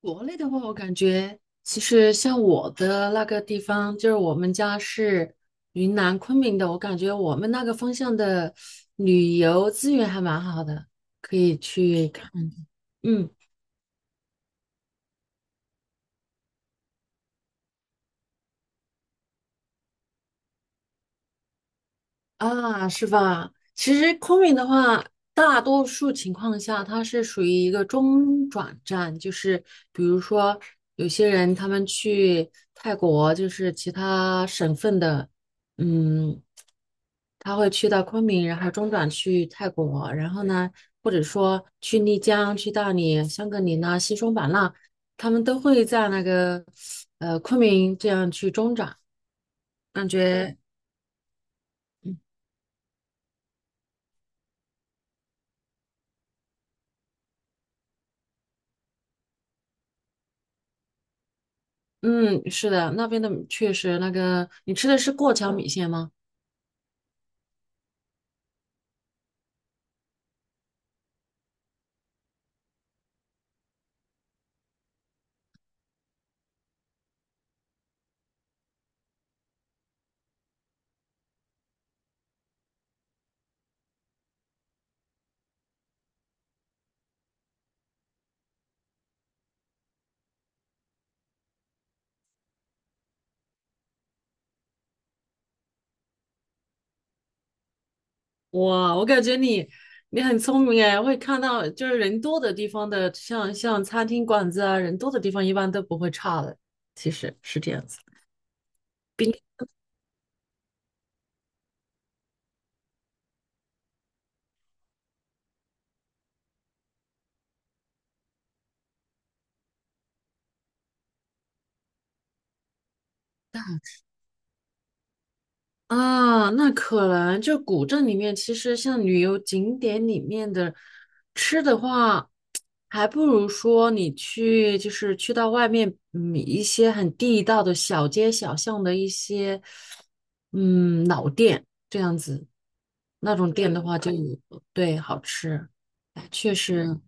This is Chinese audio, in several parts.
国内的话，我感觉其实像我的那个地方，就是我们家是云南昆明的，我感觉我们那个方向的旅游资源还蛮好的，可以去看。嗯。啊，是吧？其实昆明的话，大多数情况下它是属于一个中转站，就是比如说有些人他们去泰国，就是其他省份的，嗯，他会去到昆明，然后中转去泰国，然后呢，或者说去丽江、去大理、香格里拉、西双版纳，他们都会在那个昆明这样去中转，感觉。嗯，是的，那边的确实那个你吃的是过桥米线吗？哇，我感觉你很聪明哎，会看到就是人多的地方的，像餐厅馆子啊，人多的地方一般都不会差的，其实是这样子。啊，那可能就古镇里面，其实像旅游景点里面的吃的话，还不如说你去，就是去到外面，一些很地道的小街小巷的一些，老店这样子，那种店的话就对好吃，哎确实，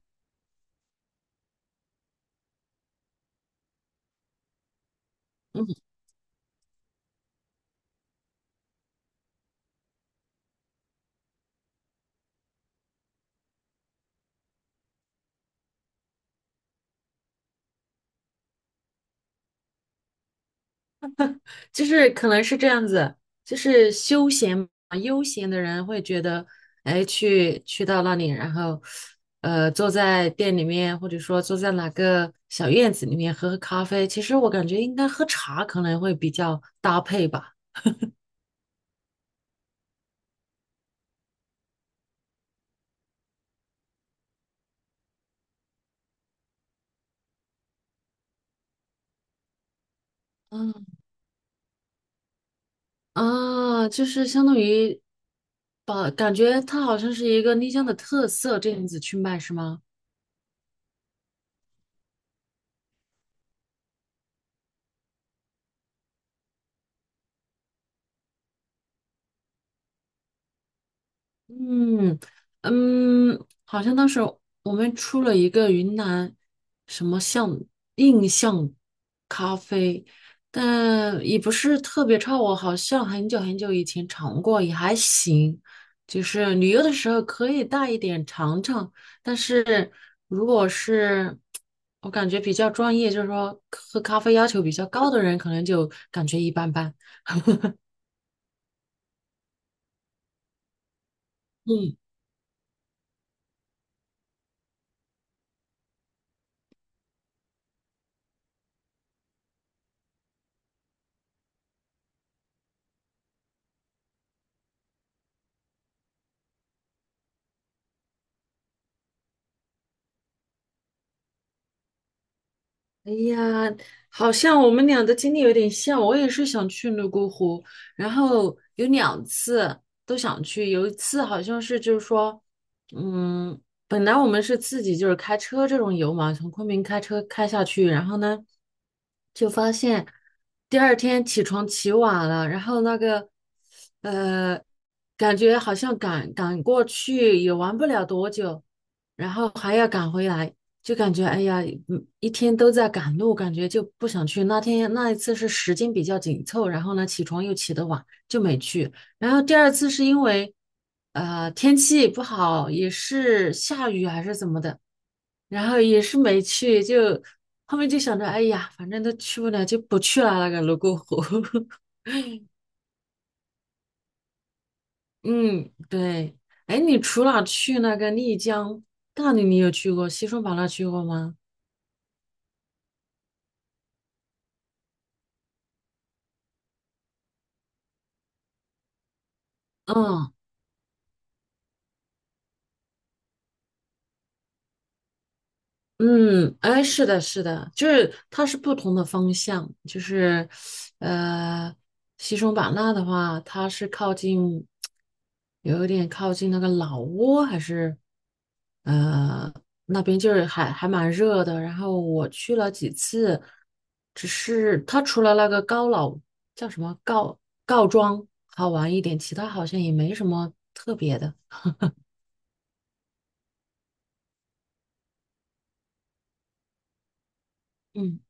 就是可能是这样子，就是休闲嘛，悠闲的人会觉得，哎，去到那里，然后，坐在店里面，或者说坐在哪个小院子里面喝喝咖啡。其实我感觉应该喝茶可能会比较搭配吧。嗯。啊，就是相当于感觉它好像是一个丽江的特色这样子去卖，是吗？嗯嗯，好像当时我们出了一个云南什么印象咖啡，但也不是特别差。我好像很久很久以前尝过，也还行。就是旅游的时候可以带一点尝尝，但是如果是我感觉比较专业，就是说喝咖啡要求比较高的人，可能就感觉一般般。嗯。哎呀，好像我们俩的经历有点像。我也是想去泸沽湖，然后有2次都想去。有一次好像是就是说，嗯，本来我们是自己就是开车这种游嘛，从昆明开车开下去，然后呢，就发现第二天起床起晚了，然后那个呃，感觉好像赶赶过去也玩不了多久，然后还要赶回来。就感觉哎呀，一天都在赶路，感觉就不想去。那天那一次是时间比较紧凑，然后呢起床又起得晚，就没去。然后第二次是因为天气不好，也是下雨啊还是怎么的，然后也是没去。就后面就想着，哎呀，反正都去不了，就不去了那个泸沽湖。嗯，对。哎，你除了去那个丽江、大理，你有去过？西双版纳去过吗？嗯。嗯，哎，是的，是的，就是它是不同的方向，就是，呃，西双版纳的话，它是靠近，有一点靠近那个老挝，还是，呃，那边就是还蛮热的。然后我去了几次，只是它除了那个叫什么告庄好玩一点，其他好像也没什么特别的。嗯。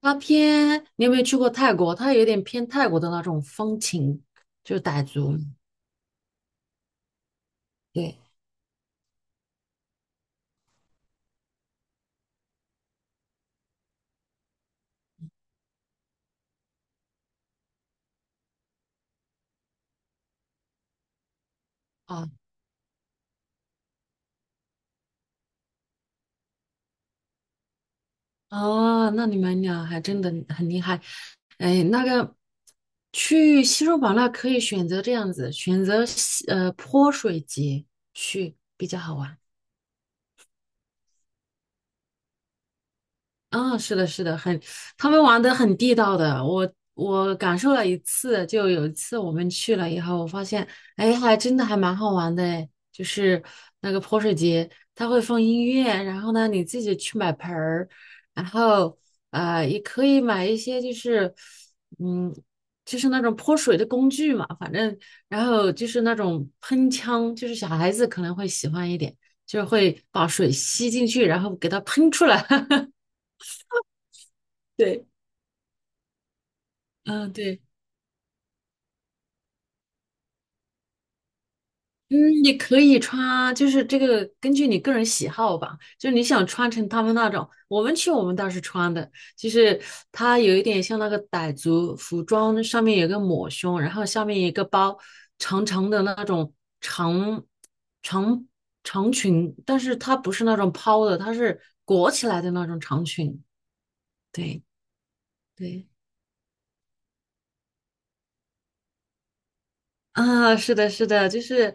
它偏，你有没有去过泰国？它有点偏泰国的那种风情，就是傣族。对。啊啊，那你们俩还真的很厉害。哎，那个去西双版纳可以选择这样子，选择泼水节去比较好玩。嗯，是的，是的，很，他们玩的很地道的。我感受了一次，就有一次我们去了以后，我发现，哎，还真的还蛮好玩的哎，诶就是那个泼水节，它会放音乐，然后呢，你自己去买盆儿，然后也可以买一些，就是嗯，就是那种泼水的工具嘛，反正，然后就是那种喷枪，就是小孩子可能会喜欢一点，就是会把水吸进去，然后给它喷出来，对。嗯，对，嗯，你可以穿，就是这个根据你个人喜好吧，就是你想穿成他们那种，我们去我们倒是穿的，就是它有一点像那个傣族服装，上面有个抹胸，然后下面有一个包，长长的那种长长长裙，但是它不是那种抛的，它是裹起来的那种长裙，对对。啊，是的，是的，就是，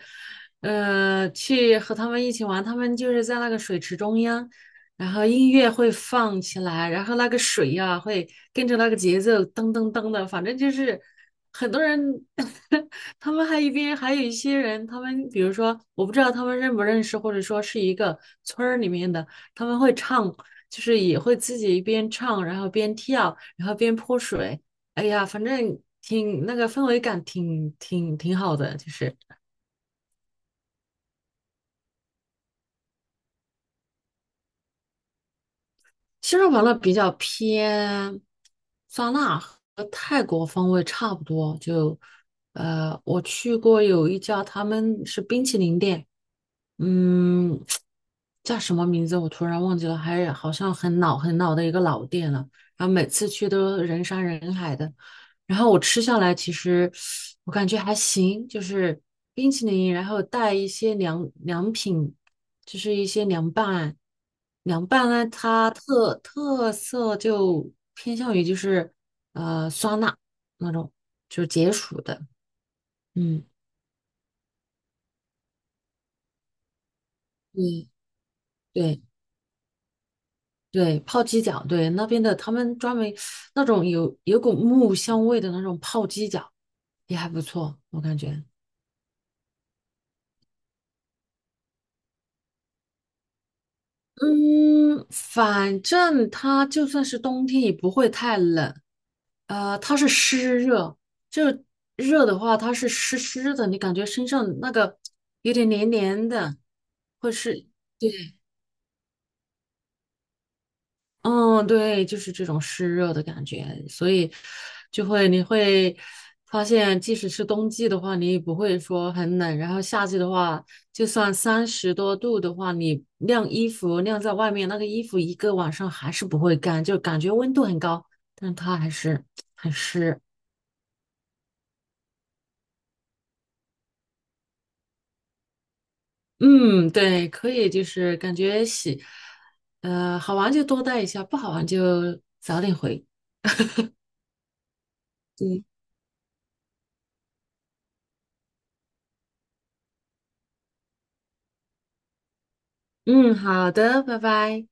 去和他们一起玩，他们就是在那个水池中央，然后音乐会放起来，然后那个水呀、会跟着那个节奏噔噔噔的，反正就是很多人，他们还一边还有一些人，他们比如说我不知道他们认不认识，或者说是一个村儿里面的，他们会唱，就是也会自己一边唱，然后边跳，然后边泼水。哎呀，反正挺那个氛围感挺好的，就是。西双版纳比较偏酸辣和泰国风味差不多，就我去过有一家，他们是冰淇淋店，嗯，叫什么名字我突然忘记了，还好像很老很老的一个老店了。然后每次去都人山人海的，然后我吃下来，其实我感觉还行，就是冰淇淋，然后带一些凉凉品，就是一些凉拌，凉拌呢，它特色就偏向于就是酸辣那种，就是解暑的，嗯，对对对，泡鸡脚，对那边的他们专门那种有股木香味的那种泡鸡脚也还不错，我感觉。嗯，反正它就算是冬天也不会太冷，它是湿热，就是热的话，它是湿湿的，你感觉身上那个有点黏黏的，或是嗯，对，就是这种湿热的感觉，所以你会发现，即使是冬季的话，你也不会说很冷，然后夏季的话，就算30多度的话，你晾衣服晾在外面，那个衣服一个晚上还是不会干，就感觉温度很高，但它还是很湿。嗯，对，可以，就是感觉洗，好玩就多带一下，不好玩就早点回。嗯嗯，好的，拜拜。